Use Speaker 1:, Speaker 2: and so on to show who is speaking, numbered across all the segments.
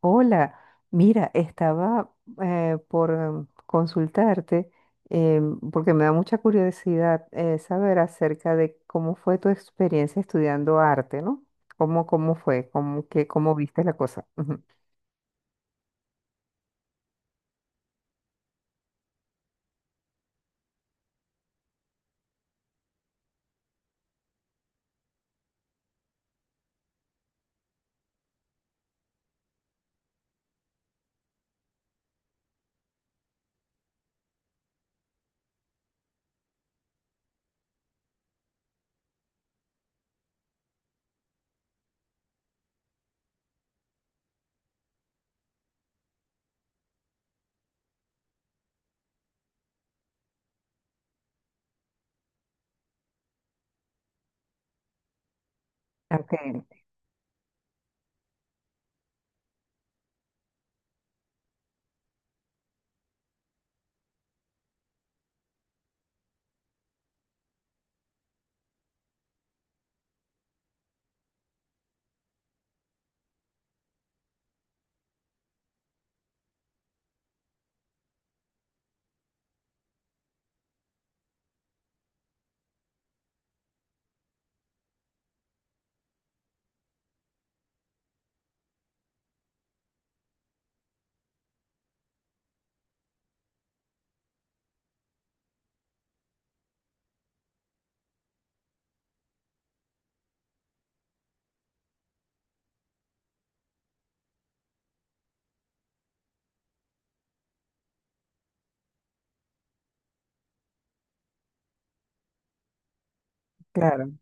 Speaker 1: Hola, mira, estaba consultarte, eh, porque me da mucha curiosidad, saber acerca de cómo fue tu experiencia estudiando arte, ¿no? ¿Cómo fue? ¿Cómo, que cómo viste la cosa? Ujú. Ok, claro.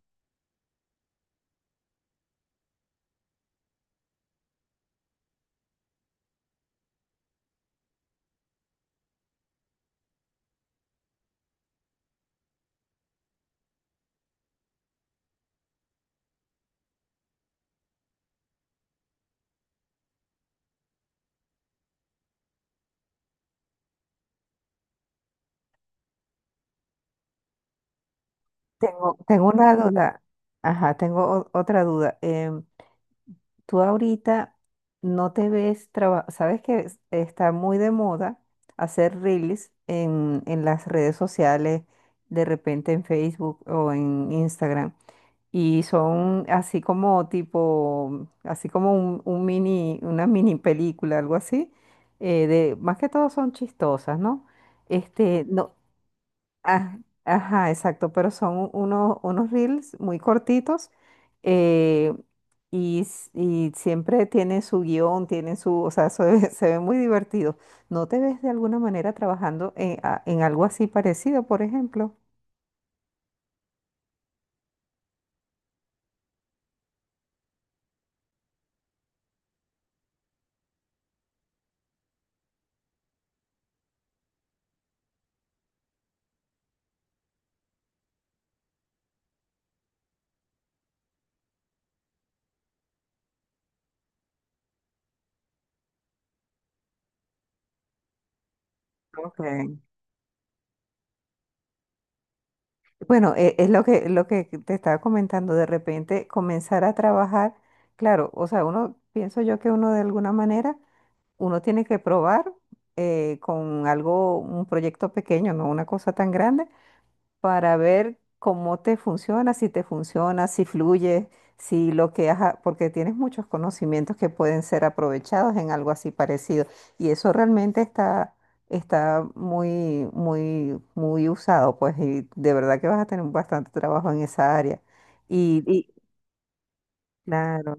Speaker 1: Tengo una duda. Ajá, tengo otra duda. Tú ahorita no te ves trabajando, sabes que está muy de moda hacer reels en las redes sociales, de repente en Facebook o en Instagram. Y son así como tipo, así como un mini, una mini película, algo así. De, más que todo son chistosas, ¿no? Este, no, ah, ajá, exacto, pero son unos, unos reels muy cortitos. eh, y, y siempre tienen su guión, tienen su, o sea, se ve, se ve muy divertido. ¿No te ves de alguna manera trabajando en, en algo así parecido, por ejemplo? Ok. Bueno, es lo que te estaba comentando, de repente comenzar a trabajar, claro, o sea, uno, pienso yo que uno de alguna manera, uno tiene que probar con algo, un proyecto pequeño, no una cosa tan grande, para ver cómo te funciona, si fluye, si lo que has, porque tienes muchos conocimientos que pueden ser aprovechados en algo así parecido. Y eso realmente está, está muy, muy, muy usado, pues, y de verdad que vas a tener bastante trabajo en esa área. Y claro,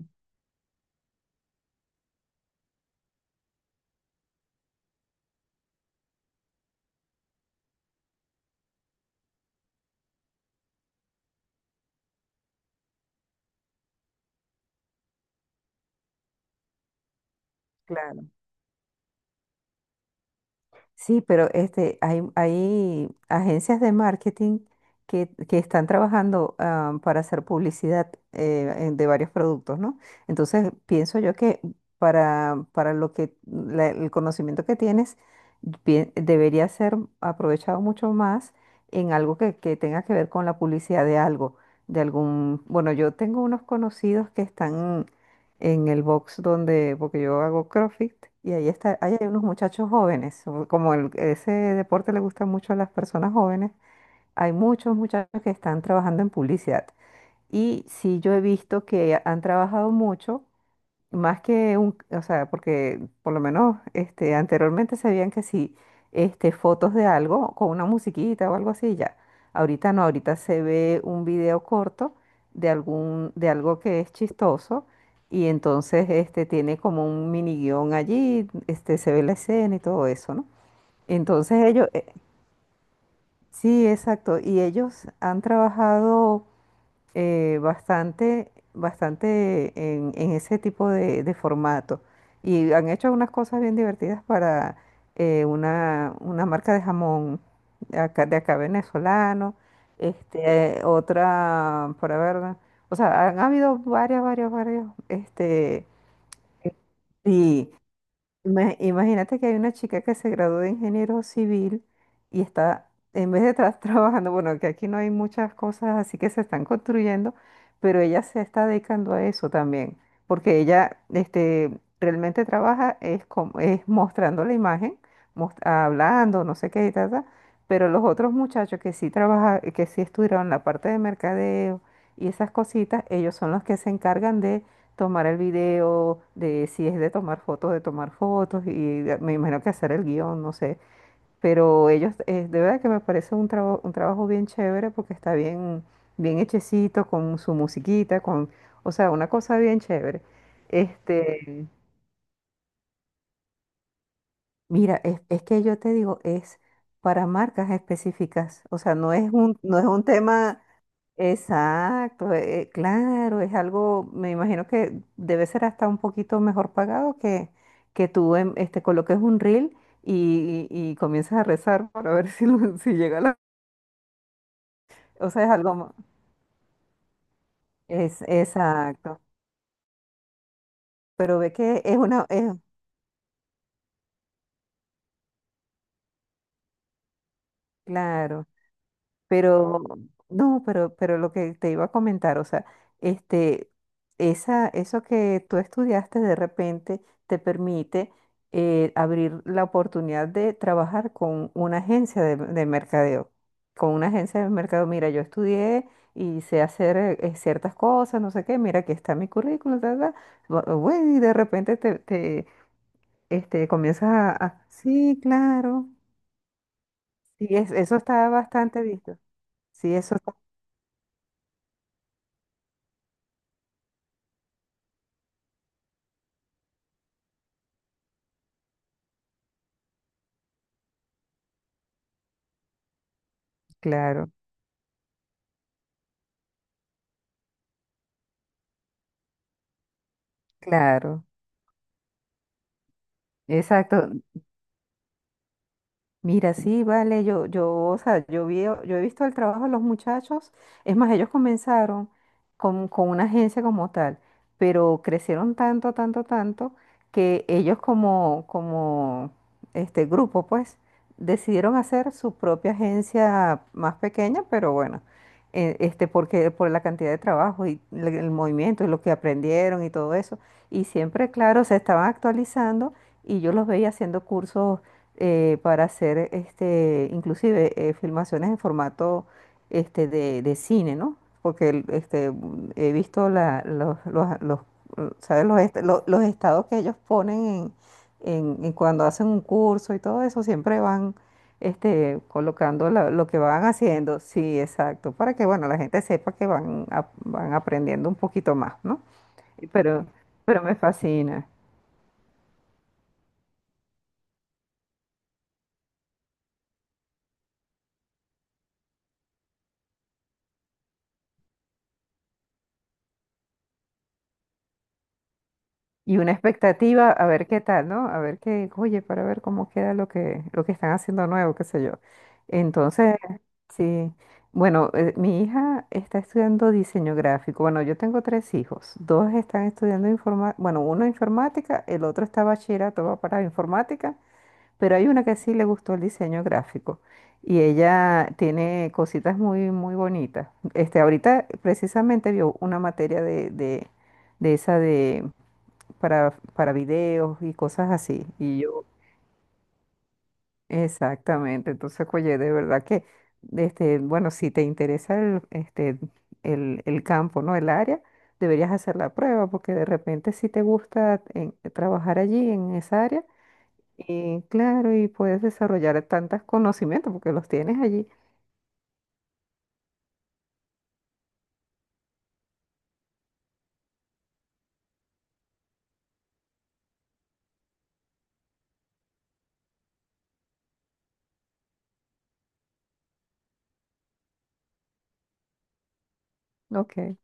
Speaker 1: claro. Sí, pero este, hay agencias de marketing que están trabajando, para hacer publicidad, de varios productos, ¿no? Entonces, pienso yo que para lo que el conocimiento que tienes debería ser aprovechado mucho más en algo que tenga que ver con la publicidad de algo, de algún, bueno, yo tengo unos conocidos que están en el box donde, porque yo hago CrossFit y ahí está, ahí hay unos muchachos jóvenes, o como ese deporte le gusta mucho a las personas jóvenes, hay muchos muchachos que están trabajando en publicidad. Y sí, yo he visto que han trabajado mucho más que un, o sea, porque por lo menos este, anteriormente sabían que si este, fotos de algo con una musiquita o algo así, ya. Ahorita no, ahorita se ve un video corto de algún, de algo que es chistoso y entonces este, tiene como un mini guión allí, este, se ve la escena y todo eso, ¿no? Entonces ellos, sí, exacto, y ellos han trabajado, bastante, bastante en ese tipo de formato. Y han hecho unas cosas bien divertidas para, una marca de jamón de acá venezolano, este, otra, para ver, o sea, han habido varias, varias, varias, este, sí, imagínate que hay una chica que se graduó de ingeniero civil y está, en vez de estar trabajando, bueno, que aquí no hay muchas cosas así que se están construyendo, pero ella se está dedicando a eso también, porque ella este, realmente trabaja es, como, es mostrando la imagen, hablando, no sé qué y tal, pero los otros muchachos que sí trabaja, que sí estudiaron la parte de mercadeo y esas cositas, ellos son los que se encargan de tomar el video, de si es de tomar fotos, y me imagino que hacer el guión, no sé. Pero ellos, de verdad que me parece un trabajo bien chévere porque está bien, bien hechecito, con su musiquita, con, o sea, una cosa bien chévere. Este, mira, es que yo te digo, es para marcas específicas. O sea, no es un, no es un tema. Exacto, claro, es algo, me imagino que debe ser hasta un poquito mejor pagado que tú este, coloques un reel y, y comiences a rezar para ver si, si llega la... O sea, es algo... es, exacto, pero ve que es una... Es, claro. Pero, no, pero lo que te iba a comentar, o sea, este, esa, eso que tú estudiaste de repente te permite, abrir la oportunidad de trabajar con una agencia de mercadeo. Con una agencia de mercadeo, mira, yo estudié y sé hacer, ciertas cosas, no sé qué, mira, aquí está mi currículum, ta, ta. Bueno, y de repente te, te, este, comienzas a, sí, claro. Sí, eso está bastante visto. Sí, eso está claro. Claro, exacto. Mira, sí, vale, yo, o sea, yo vi, yo he visto el trabajo de los muchachos, es más, ellos comenzaron con una agencia como tal, pero crecieron tanto, tanto, tanto, que ellos como, como este grupo, pues, decidieron hacer su propia agencia más pequeña, pero bueno, este, porque por la cantidad de trabajo y el movimiento y lo que aprendieron y todo eso, y siempre, claro, se estaban actualizando y yo los veía haciendo cursos, para hacer este, inclusive filmaciones en formato este, de cine, ¿no? Porque este, mm, he visto la, los, ¿sabes? Los, los estados que ellos ponen en, en cuando hacen un curso y todo eso, siempre van este, colocando lo que van haciendo. Sí, exacto, para que, bueno, la gente sepa que van, van aprendiendo un poquito más, ¿no? Y pero me fascina. Y una expectativa a ver qué tal, ¿no? A ver qué, oye, para ver cómo queda lo que están haciendo nuevo, qué sé yo. Entonces, sí, bueno, mi hija está estudiando diseño gráfico. Bueno, yo tengo tres hijos. Dos están estudiando informática, bueno, uno informática, el otro está bachillerato, va para informática, pero hay una que sí le gustó el diseño gráfico. Y ella tiene cositas muy, muy bonitas. Este, ahorita precisamente vio una materia de esa de para videos y cosas así. Y yo, exactamente. Entonces, oye, de verdad que, este, bueno, si te interesa el, este, el campo, ¿no? El área, deberías hacer la prueba, porque de repente si te gusta trabajar allí en esa área, y claro, y puedes desarrollar tantos conocimientos porque los tienes allí. Ok.